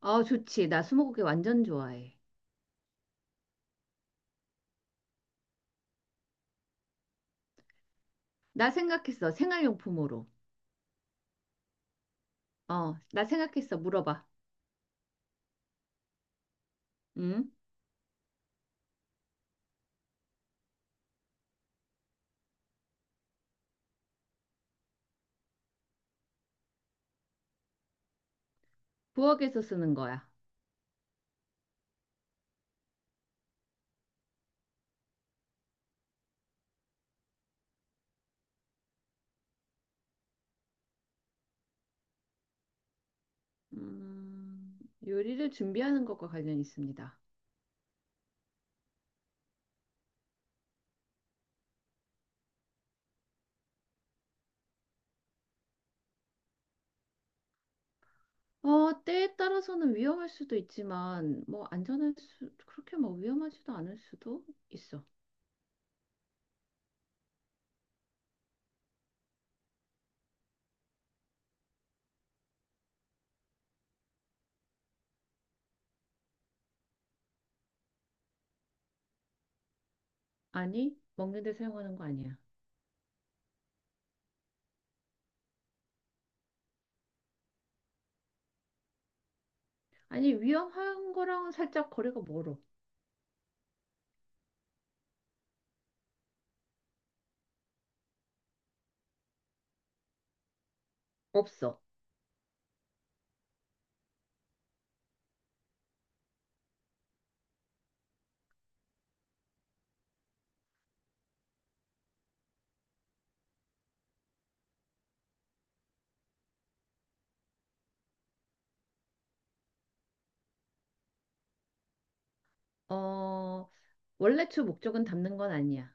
좋지. 나 스무고개 완전 좋아해. 나 생각했어. 생활용품으로. 나 생각했어. 물어봐. 응? 부엌에서 쓰는 거야. 음, 요리를 준비하는 것과 관련이 있습니다. 때에 따라서는 위험할 수도 있지만, 뭐, 그렇게 뭐 위험하지도 않을 수도 있어. 아니, 먹는 데 사용하는 거 아니야. 아니, 위험한 거랑은 살짝 거리가 멀어. 없어. 어, 원래 주 목적은 담는 건 아니야.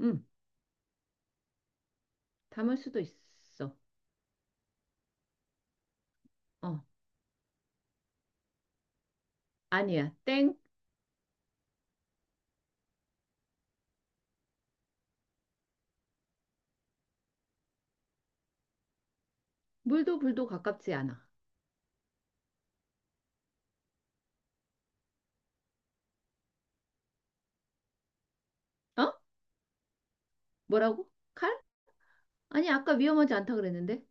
음 담을 수도 있어. 어. 아니야. 땡. 물도 불도 가깝지 않아. 어? 뭐라고? 칼? 아니, 아까 위험하지 않다 그랬는데.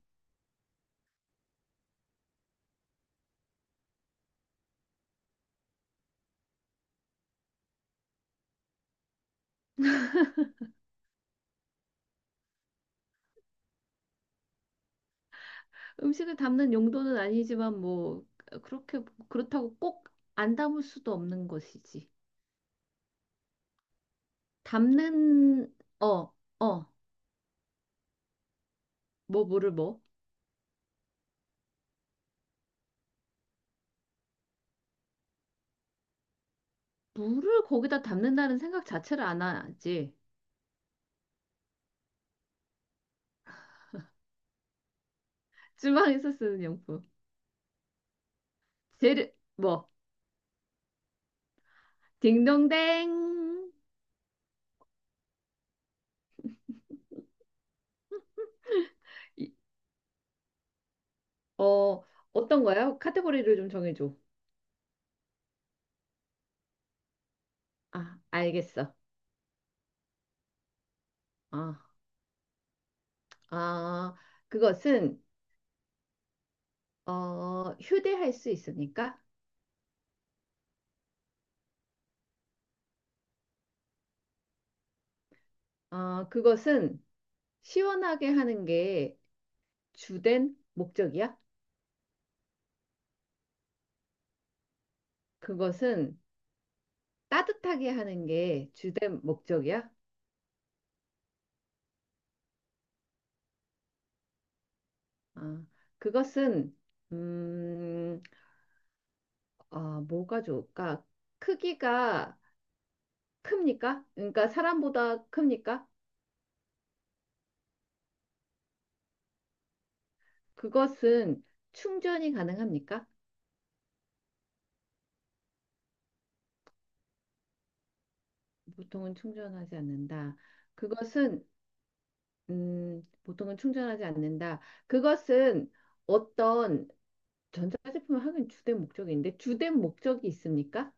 음식을 담는 용도는 아니지만 뭐 그렇게 그렇다고 꼭 안 담을 수도 없는 것이지. 담는 어, 어. 뭐 물을 뭐? 물을 거기다 담는다는 생각 자체를 안 하지. 주방에서 쓰는 용품. 재료 뭐 딩동댕. 이- 어, 어떤 거야? 카테고리를 좀 정해줘. 아, 알겠어. 어. 아, 그것은 휴대할 수 있습니까? 그것은 시원하게 하는 게 주된 목적이야? 그것은 따뜻하게 하는 게 주된 목적이야? 어, 그것은 음, 뭐가 좋을까? 크기가 큽니까? 그러니까 사람보다 큽니까? 그것은 충전이 가능합니까? 보통은 충전하지 않는다. 그것은 보통은 충전하지 않는다. 그것은 어떤 전자제품을 하긴 주된 목적인데 주된 목적이 있습니까?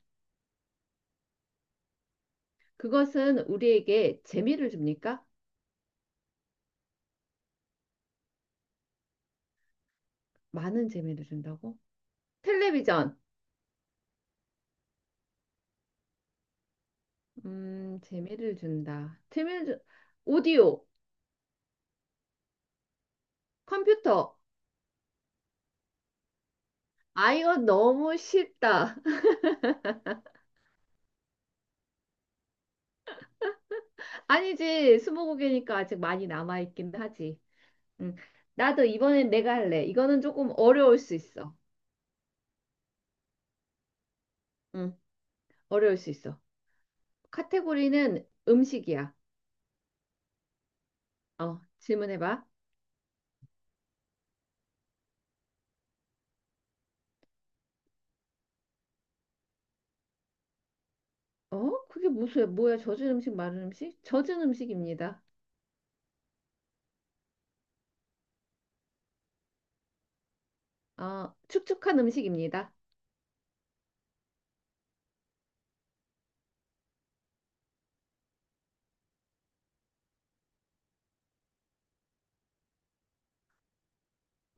그것은 우리에게 재미를 줍니까? 많은 재미를 준다고? 텔레비전, 재미를 준다. 재미를 주... 오디오, 컴퓨터. 아, 이거 너무 쉽다. 아니지, 스무고개니까 아직 많이 남아있긴 하지. 음, 나도 이번엔 내가 할래. 이거는 조금 어려울 수 있어. 음, 어려울 수 있어. 카테고리는 음식이야. 질문해봐. 어? 그게 무슨, 뭐야? 젖은 음식, 마른 음식? 젖은 음식입니다. 축축한 음식입니다.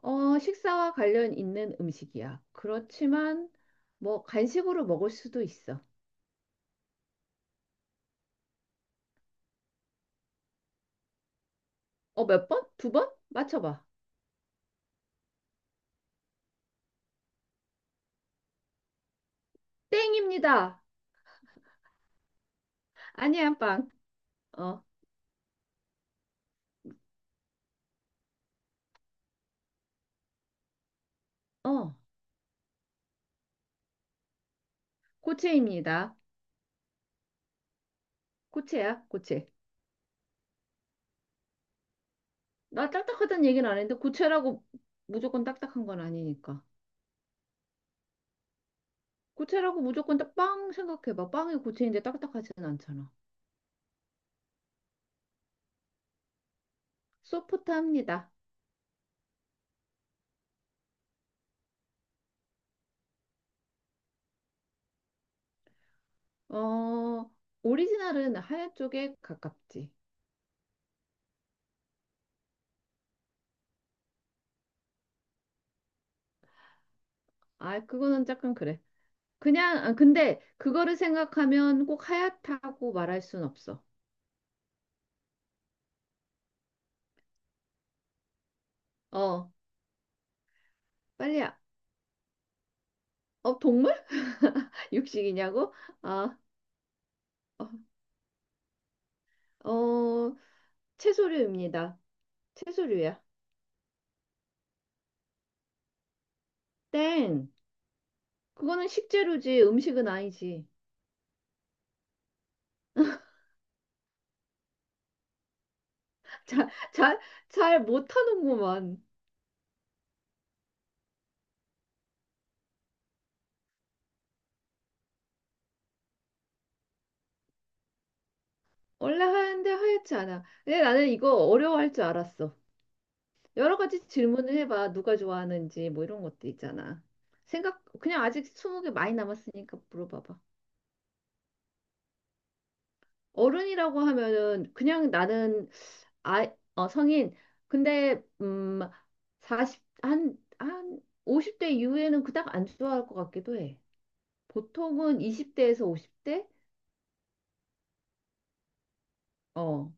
식사와 관련 있는 음식이야. 그렇지만, 뭐, 간식으로 먹을 수도 있어. 몇 번? 두 번? 맞춰봐. 땡입니다. 아니야, 빵. 어, 어, 고체입니다. 고체야, 고체. 나 딱딱하다는 얘기는 안 했는데, 고체라고 무조건 딱딱한 건 아니니까. 고체라고 무조건 딱 빵 생각해봐. 빵이 고체인데 딱딱하지는 않잖아. 소프트합니다. 어, 오리지널은 하얀 쪽에 가깝지. 아, 그거는 약간 그래. 그냥, 아, 근데 그거를 생각하면 꼭 하얗다고 말할 순 없어. 어, 빨리야. 어, 동물? 육식이냐고? 아, 어, 어, 채소류입니다. 채소류야. 땡. 그거는 식재료지. 음식은 아니지. 잘 잘, 잘 못하는구만. 원래 하는데 하얗지 않아. 근데 나는 이거 어려워할 줄 알았어. 여러 가지 질문을 해봐. 누가 좋아하는지 뭐 이런 것도 있잖아. 생각 그냥 아직 스무 개 많이 남았으니까 물어봐봐. 어른이라고 하면은 그냥 나는 아, 성인. 근데 40, 한 50대 이후에는 그닥 안 좋아할 것 같기도 해. 보통은 20대에서 50대? 어,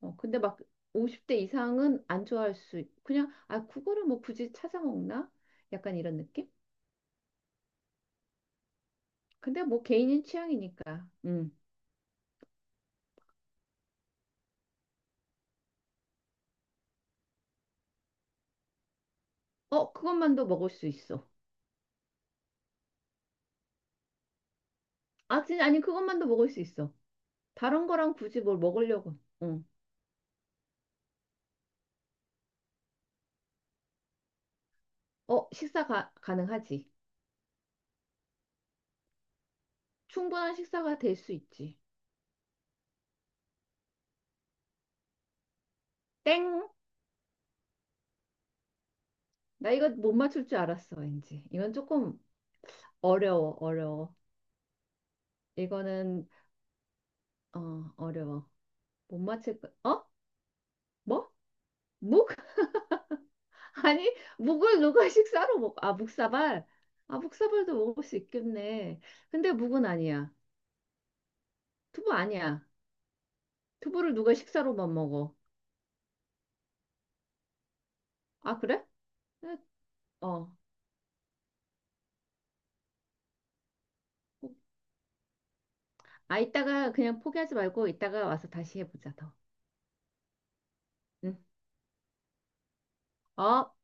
근데 막 50대 이상은 안 좋아할 수, 있- 그냥, 아, 그거를 뭐 굳이 찾아 먹나? 약간 이런 느낌? 근데 뭐 개인의 취향이니까. 음. 그것만도 먹을 수 있어. 아, 진짜, 아니, 그것만도 먹을 수 있어. 다른 거랑 굳이 뭘 먹으려고. 응. 가능하지. 충분한 식사가 될 수 있지. 땡! 나 이거 못 맞출 줄 알았어, 왠지. 이건 조금 어려워, 어려워. 이거는, 어려워. 못 맞힐 거, 어? 뭐? 묵? 아니, 묵을 누가 식사로 먹, 아, 묵사발? 아, 묵사발도 먹을 수 있겠네. 근데 묵은 아니야. 두부 아니야. 두부를 누가 식사로만 먹어. 아, 그래? 응, 어. 아, 이따가 그냥 포기하지 말고 이따가 와서 다시 해보자, 더. 응. 어?